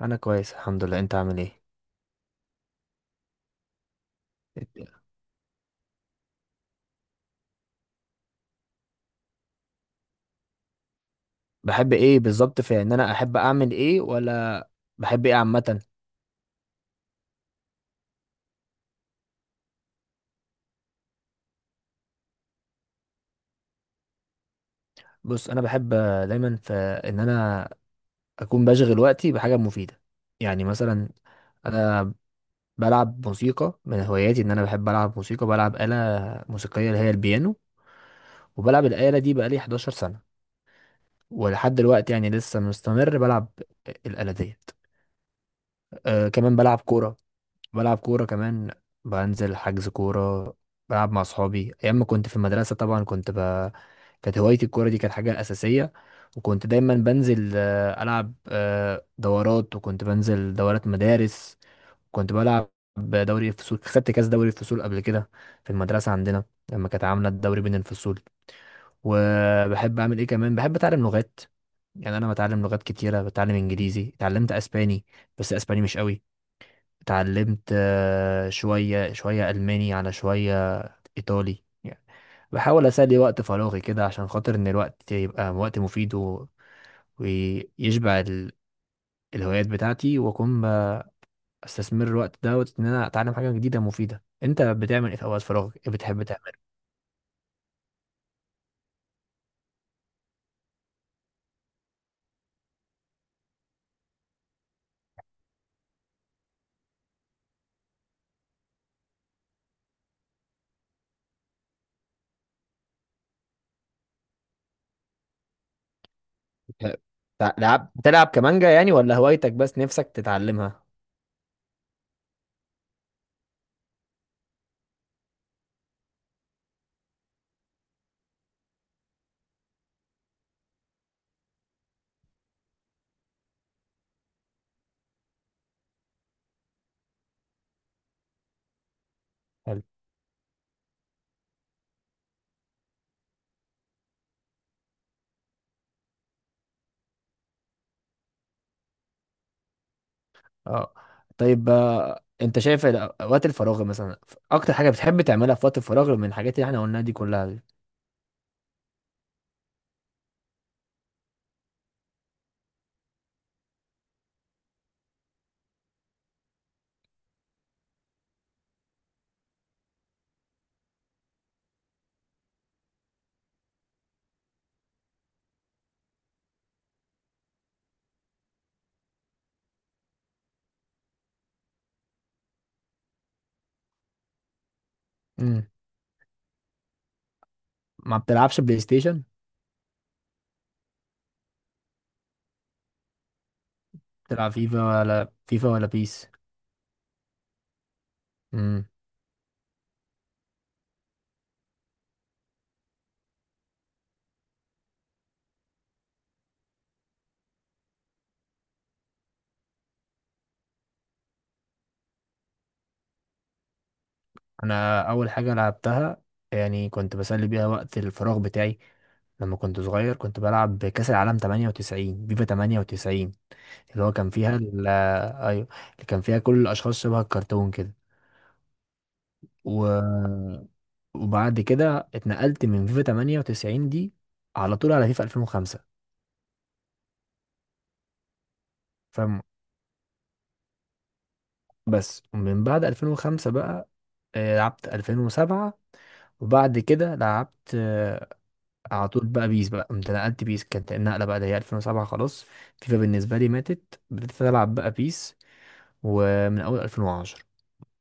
انا كويس الحمد لله. انت عامل ايه؟ بحب ايه بالظبط؟ في ان انا احب اعمل ايه، ولا بحب ايه عامه؟ بص، انا بحب دايما في ان انا اكون بشغل وقتي بحاجه مفيده. يعني مثلا انا بلعب موسيقى، من هواياتي ان انا بحب العب موسيقى، بلعب آلة موسيقيه اللي هي البيانو. وبلعب الآلة دي بقالي 11 سنه، ولحد دلوقتي يعني لسه مستمر بلعب الآلة ديت. أه، كمان بلعب كوره. بلعب كورة كمان، بنزل حجز كورة، بلعب مع صحابي. أيام ما كنت في المدرسة طبعا كنت كانت هوايتي الكورة دي، كانت حاجة أساسية. وكنت دايما بنزل، ألعب، دورات، وكنت بنزل دورات مدارس. كنت بلعب دوري الفصول، خدت كاس دوري الفصول قبل كده في المدرسة عندنا، لما كانت عاملة الدوري بين الفصول. وبحب أعمل إيه كمان؟ بحب أتعلم لغات. يعني أنا بتعلم لغات كتيرة، بتعلم إنجليزي، اتعلمت أسباني بس أسباني مش قوي. اتعلمت شوية شوية ألماني، على شوية إيطالي يعني. بحاول أسلي وقت فراغي كده، عشان خاطر إن الوقت يبقى وقت مفيد ويشبع الهوايات بتاعتي، وأكون بستثمر الوقت دوت إن أنا أتعلم حاجة جديدة مفيدة. أنت بتعمل إيه في أوقات فراغك؟ إيه بتحب تعمله؟ تع- لعب بتلعب كمانجا يعني، ولا هوايتك بس نفسك تتعلمها؟ حلو. أه، طيب. أنت شايف أوقات الفراغ مثلا، أكتر حاجة بتحب تعملها في وقت الفراغ من الحاجات اللي إحنا قلناها دي كلها دي؟ ما بتلعبش بلاي ستيشن؟ بتلعب فيفا ولا بيس؟ امم انا اول حاجه لعبتها، يعني كنت بسلي بيها وقت الفراغ بتاعي لما كنت صغير، كنت بلعب كاس العالم 98، فيفا 98. اللي هو كان فيها ايوه، اللي كان فيها كل الاشخاص شبه الكرتون كده و... وبعد كده اتنقلت من فيفا 98 دي على طول على فيفا 2005. فاهم؟ بس من بعد 2005 بقى لعبت 2007، وبعد كده لعبت على طول بقى بيس. بقى قمت نقلت بيس، كانت النقله بقى اللي هي 2007. خلاص، فيفا بالنسبه لي ماتت، بدأت العب بقى بيس، ومن اول 2010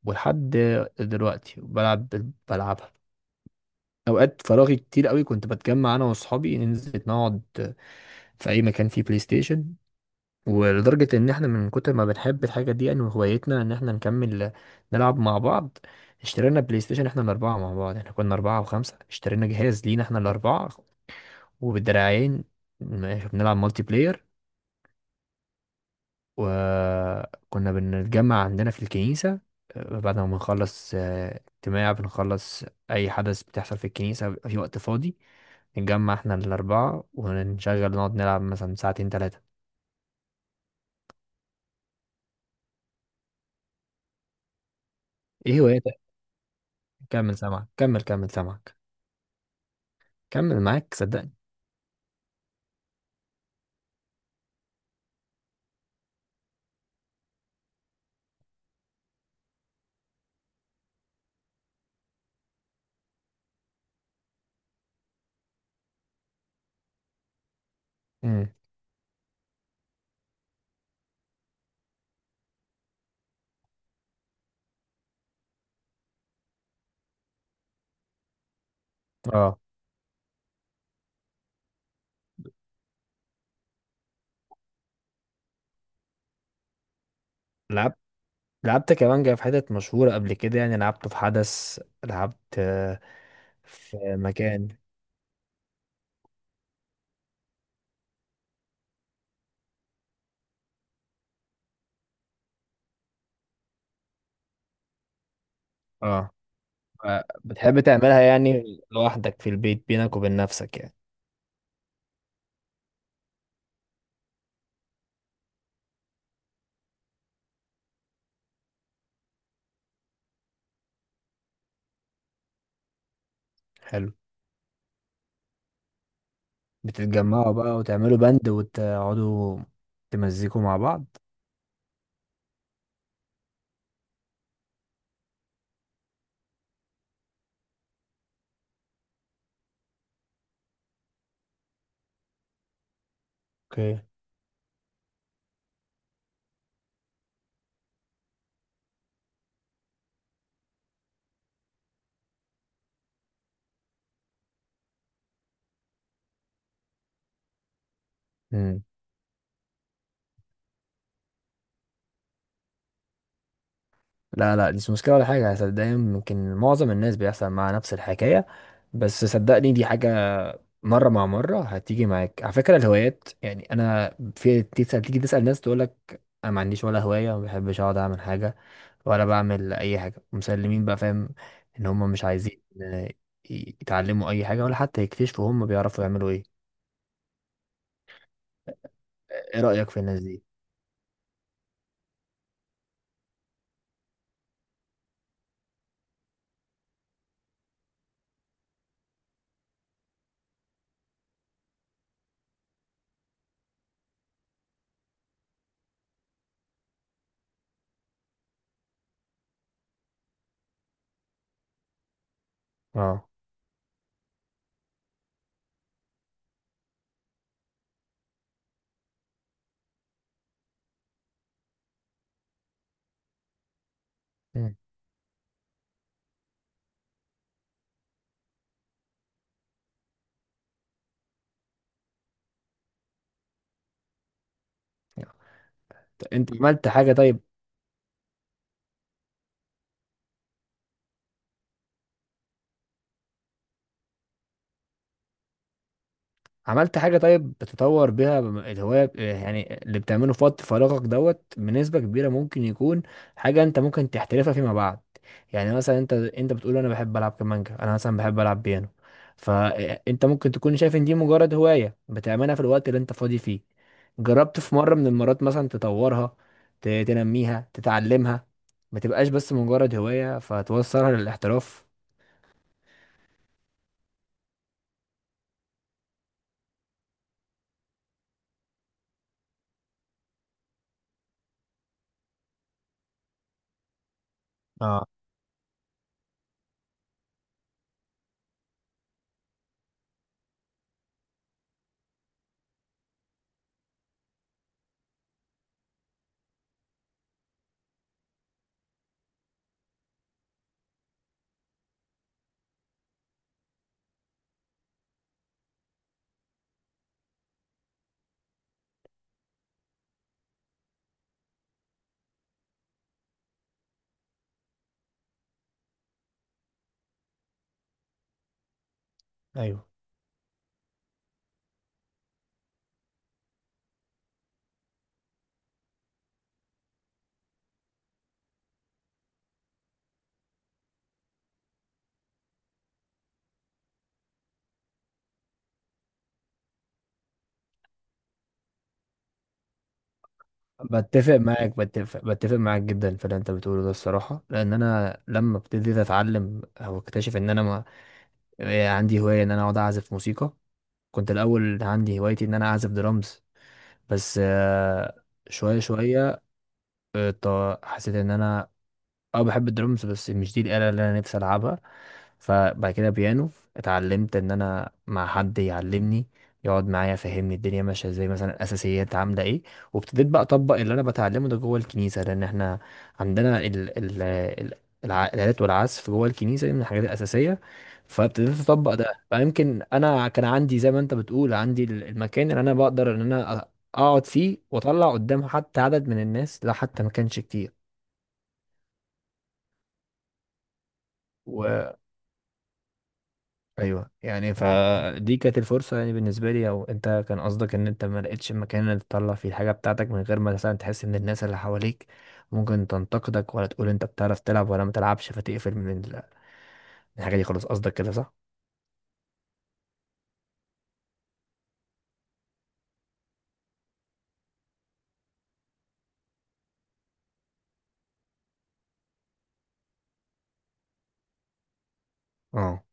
ولحد دلوقتي بلعبها اوقات فراغي كتير قوي. كنت بتجمع انا واصحابي ننزل نقعد في اي مكان فيه بلاي ستيشن، ولدرجه ان احنا من كتر ما بنحب الحاجه دي يعني، وهوايتنا ان احنا نكمل نلعب مع بعض، اشترينا بلاي ستيشن احنا الاربعه مع بعض. احنا كنا اربعه وخمسه، اشترينا جهاز لينا احنا الاربعه، وبالدراعين ماشي بنلعب مالتي بلاير. وكنا بنتجمع عندنا في الكنيسة، بعد ما بنخلص اجتماع، بنخلص أي حدث بتحصل في الكنيسة، بيبقى في وقت فاضي نتجمع احنا الأربعة ونشغل نقعد نلعب مثلا ساعتين تلاتة. ايه هواياتك؟ كمل، سامعك. كمل، سامعك. كمل، معاك صدقني. امم. اه، لعبت لعبت كمانجا في حتت مشهورة قبل كده، يعني لعبته في حدث، لعبت في مكان. اه. بتحب تعملها يعني لوحدك في البيت، بينك وبين نفسك يعني؟ حلو. بتتجمعوا بقى وتعملوا بند، وتقعدوا تمزيكوا مع بعض؟ اوكي. مم. لا، لا، دي مش مشكلة ولا حاجة، صدقني. ممكن معظم الناس بيحصل معاها نفس الحكاية. بس صدقني، دي حاجة مرة مع مرة هتيجي معاك. على فكرة الهوايات، يعني أنا في تيجي تسأل ناس تقولك أنا ما عنديش ولا هواية، وما بحبش أقعد أعمل حاجة ولا بعمل أي حاجة، مسلمين بقى، فاهم إن هما مش عايزين يتعلموا أي حاجة، ولا حتى يكتشفوا هما بيعرفوا يعملوا إيه. إيه رأيك في الناس دي؟ أه. مم. طب أنت عملت حاجة طيب بتطور بيها الهواية، يعني اللي بتعمله في وقت فراغك دوت بنسبة كبيرة ممكن يكون حاجة انت ممكن تحترفها فيما بعد. يعني مثلا انت بتقول انا بحب العب كمانجا، انا مثلا بحب العب بيانو، فانت ممكن تكون شايف ان دي مجرد هواية بتعملها في الوقت اللي انت فاضي فيه. جربت في مرة من المرات مثلا تطورها، تنميها، تتعلمها، ما تبقاش بس مجرد هواية فتوصلها للاحتراف؟ اه، ايوه. بتفق معاك جدا في اللي انت بتقوله ده الصراحه، لان انا لما ابتديت اتعلم او اكتشف ان انا ما... إيه، عندي هوايه ان انا اقعد اعزف موسيقى، كنت الاول عندي هوايتي ان انا اعزف درامز. بس شويه شويه حسيت ان انا اه بحب الدرمز، بس مش دي الآلة اللي انا نفسي العبها. فبعد كده بيانو، اتعلمت ان انا مع حد يعلمني، يقعد معايا يفهمني الدنيا ماشيه ازاي، مثلا الاساسيات عامله ايه. وابتديت بقى اطبق اللي انا بتعلمه ده جوه الكنيسه، لان احنا عندنا الآلات والعزف جوه الكنيسه دي من الحاجات الاساسيه. فابتديت اطبق ده، فيمكن انا كان عندي زي ما انت بتقول عندي المكان اللي انا بقدر ان انا اقعد فيه واطلع قدام حتى عدد من الناس، لا حتى ما كانش كتير. ايوه يعني، فدي كانت الفرصه يعني بالنسبه لي. او انت كان قصدك ان انت ما لقيتش مكان إنك تطلع فيه الحاجه بتاعتك، من غير ما مثلا تحس ان الناس اللي حواليك ممكن تنتقدك، ولا تقول انت بتعرف تلعب ولا ما تلعبش، فتقفل من الحاجه دي خلاص، قصدك كده صح؟ اه،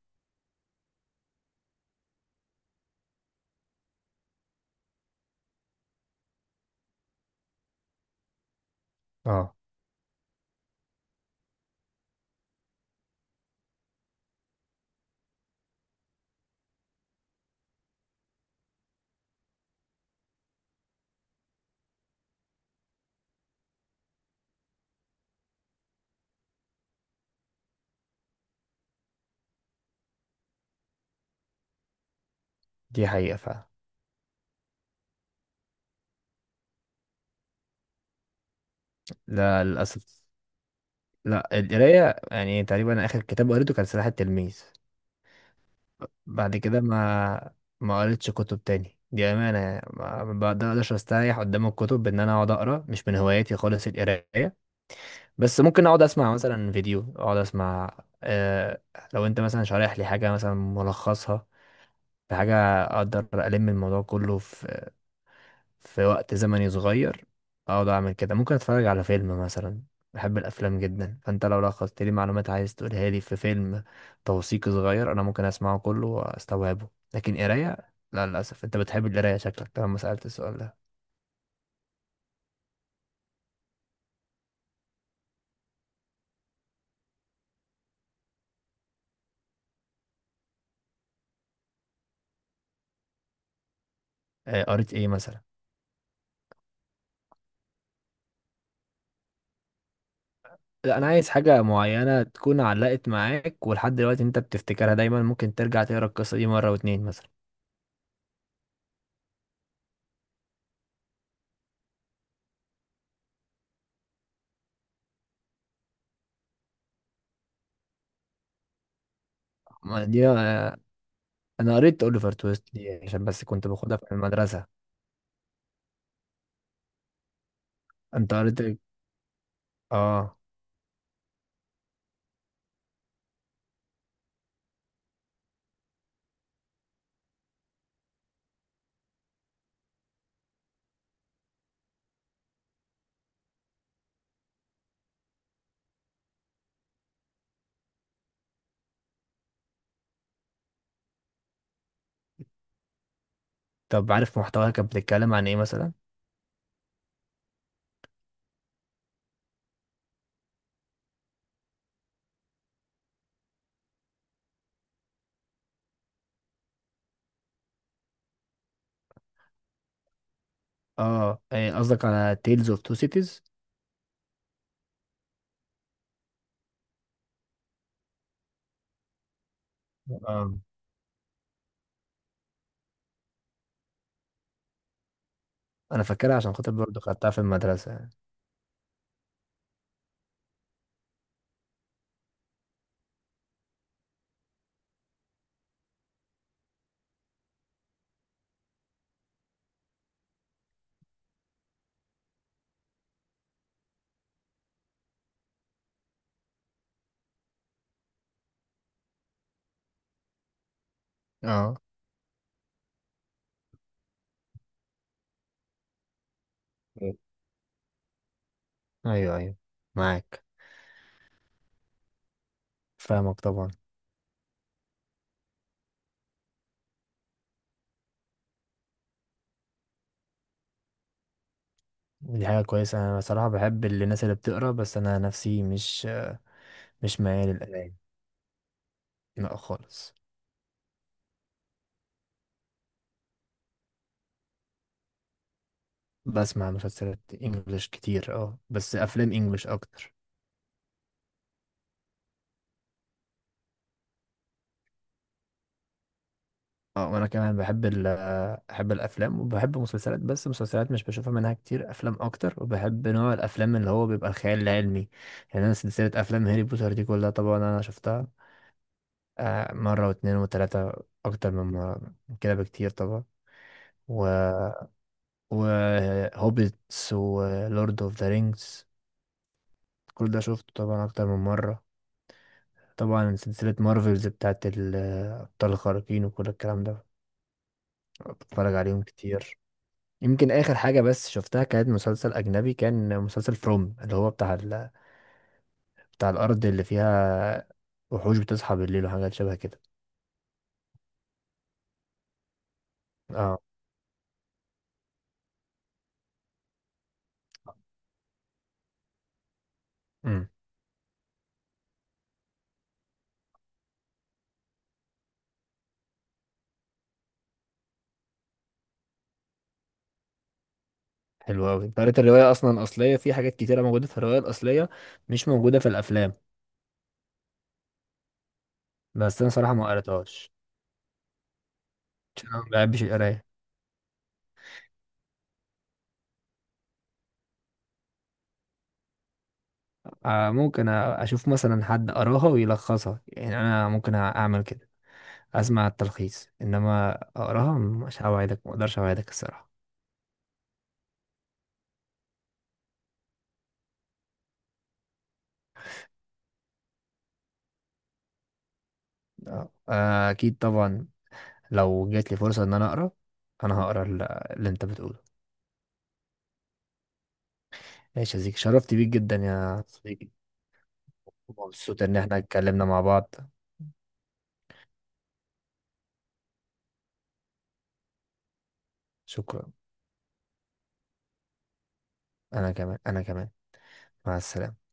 اه. دي حقيقه فعلا. لا، للاسف لا. القرايه يعني تقريبا اخر كتاب قريته كان سلاح التلميذ. بعد كده ما قريتش كتب تاني، دي امانه يعني، ما بقدرش استريح قدام الكتب بان انا اقعد اقرا، مش من هواياتي خالص القرايه. بس ممكن اقعد اسمع مثلا فيديو، اقعد اسمع. آه، لو انت مثلا شارح لي حاجه، مثلا ملخصها في حاجه، اقدر الم الموضوع كله في وقت زمني صغير، اقعد اعمل كده. ممكن اتفرج على فيلم مثلا، بحب الافلام جدا، فانت لو لخصت لي معلومات عايز تقولها لي في فيلم توثيقي صغير انا ممكن اسمعه كله واستوعبه. لكن قرايه، لا للاسف. انت بتحب القرايه شكلك، طالما سالت السؤال ده. قريت ايه مثلا؟ لا، انا عايز حاجه معينه تكون علقت معاك ولحد دلوقتي انت بتفتكرها دايما، ممكن ترجع تقرا القصه دي مره واتنين مثلا. ما دي انا قريت اوليفر تويست دي عشان بس كنت باخدها في المدرسه. انت قريت إيه؟ اه. طب عارف محتواها كانت بتتكلم عن ايه مثلا؟ اه، إيه قصدك على تيلز اوف تو سيتيز؟ اه. انا فاكرها عشان خاطر برضه خدتها في المدرسه يعني. اه، إيه. ايوه، ايوه، معاك. فاهمك طبعا. دي حاجه كويسه، انا بصراحه بحب الناس اللي بتقرا، بس انا نفسي مش ميال للقرايه. لا خالص. بسمع مسلسلات انجلش كتير، بس افلام انجلش اكتر. اه، وانا كمان بحب بحب الافلام، وبحب مسلسلات بس مسلسلات مش بشوفها منها كتير، افلام اكتر. وبحب نوع الافلام اللي هو بيبقى الخيال العلمي. يعني انا سلسله افلام هاري بوتر دي كلها طبعا انا شفتها، مره واتنين وتلاته، اكتر من مره من كده بكتير طبعا. و وهوبيتس ولورد اوف ذا رينجز كل ده شفته طبعا اكتر من مره. طبعا سلسلة مارفلز بتاعت الأبطال الخارقين وكل الكلام ده بتفرج عليهم كتير. يمكن آخر حاجة بس شفتها كانت مسلسل أجنبي، كان مسلسل فروم، اللي هو بتاع الأرض اللي فيها وحوش بتصحى بالليل وحاجات شبه كده. اه. امم. حلو أوي، أنت قريت الرواية أصلا أصلية، في حاجات كتيرة موجودة في الرواية الأصلية مش موجودة في الأفلام. بس أنا صراحة ما قريتهاش عشان أنا ما بحبش القراية. آه، ممكن أشوف مثلا حد قراها ويلخصها، يعني أنا ممكن أعمل كده، اسمع التلخيص، انما اقراها مش هوعدك، ما اقدرش اوعدك الصراحه. اكيد طبعا، لو جات لي فرصه ان انا اقرا، انا هقرا اللي انت بتقوله. ماشي يا زيك، شرفت بيك جدا يا صديقي، مبسوط ان احنا اتكلمنا مع بعض. شكرا، انا كمان، انا كمان. مع السلامه.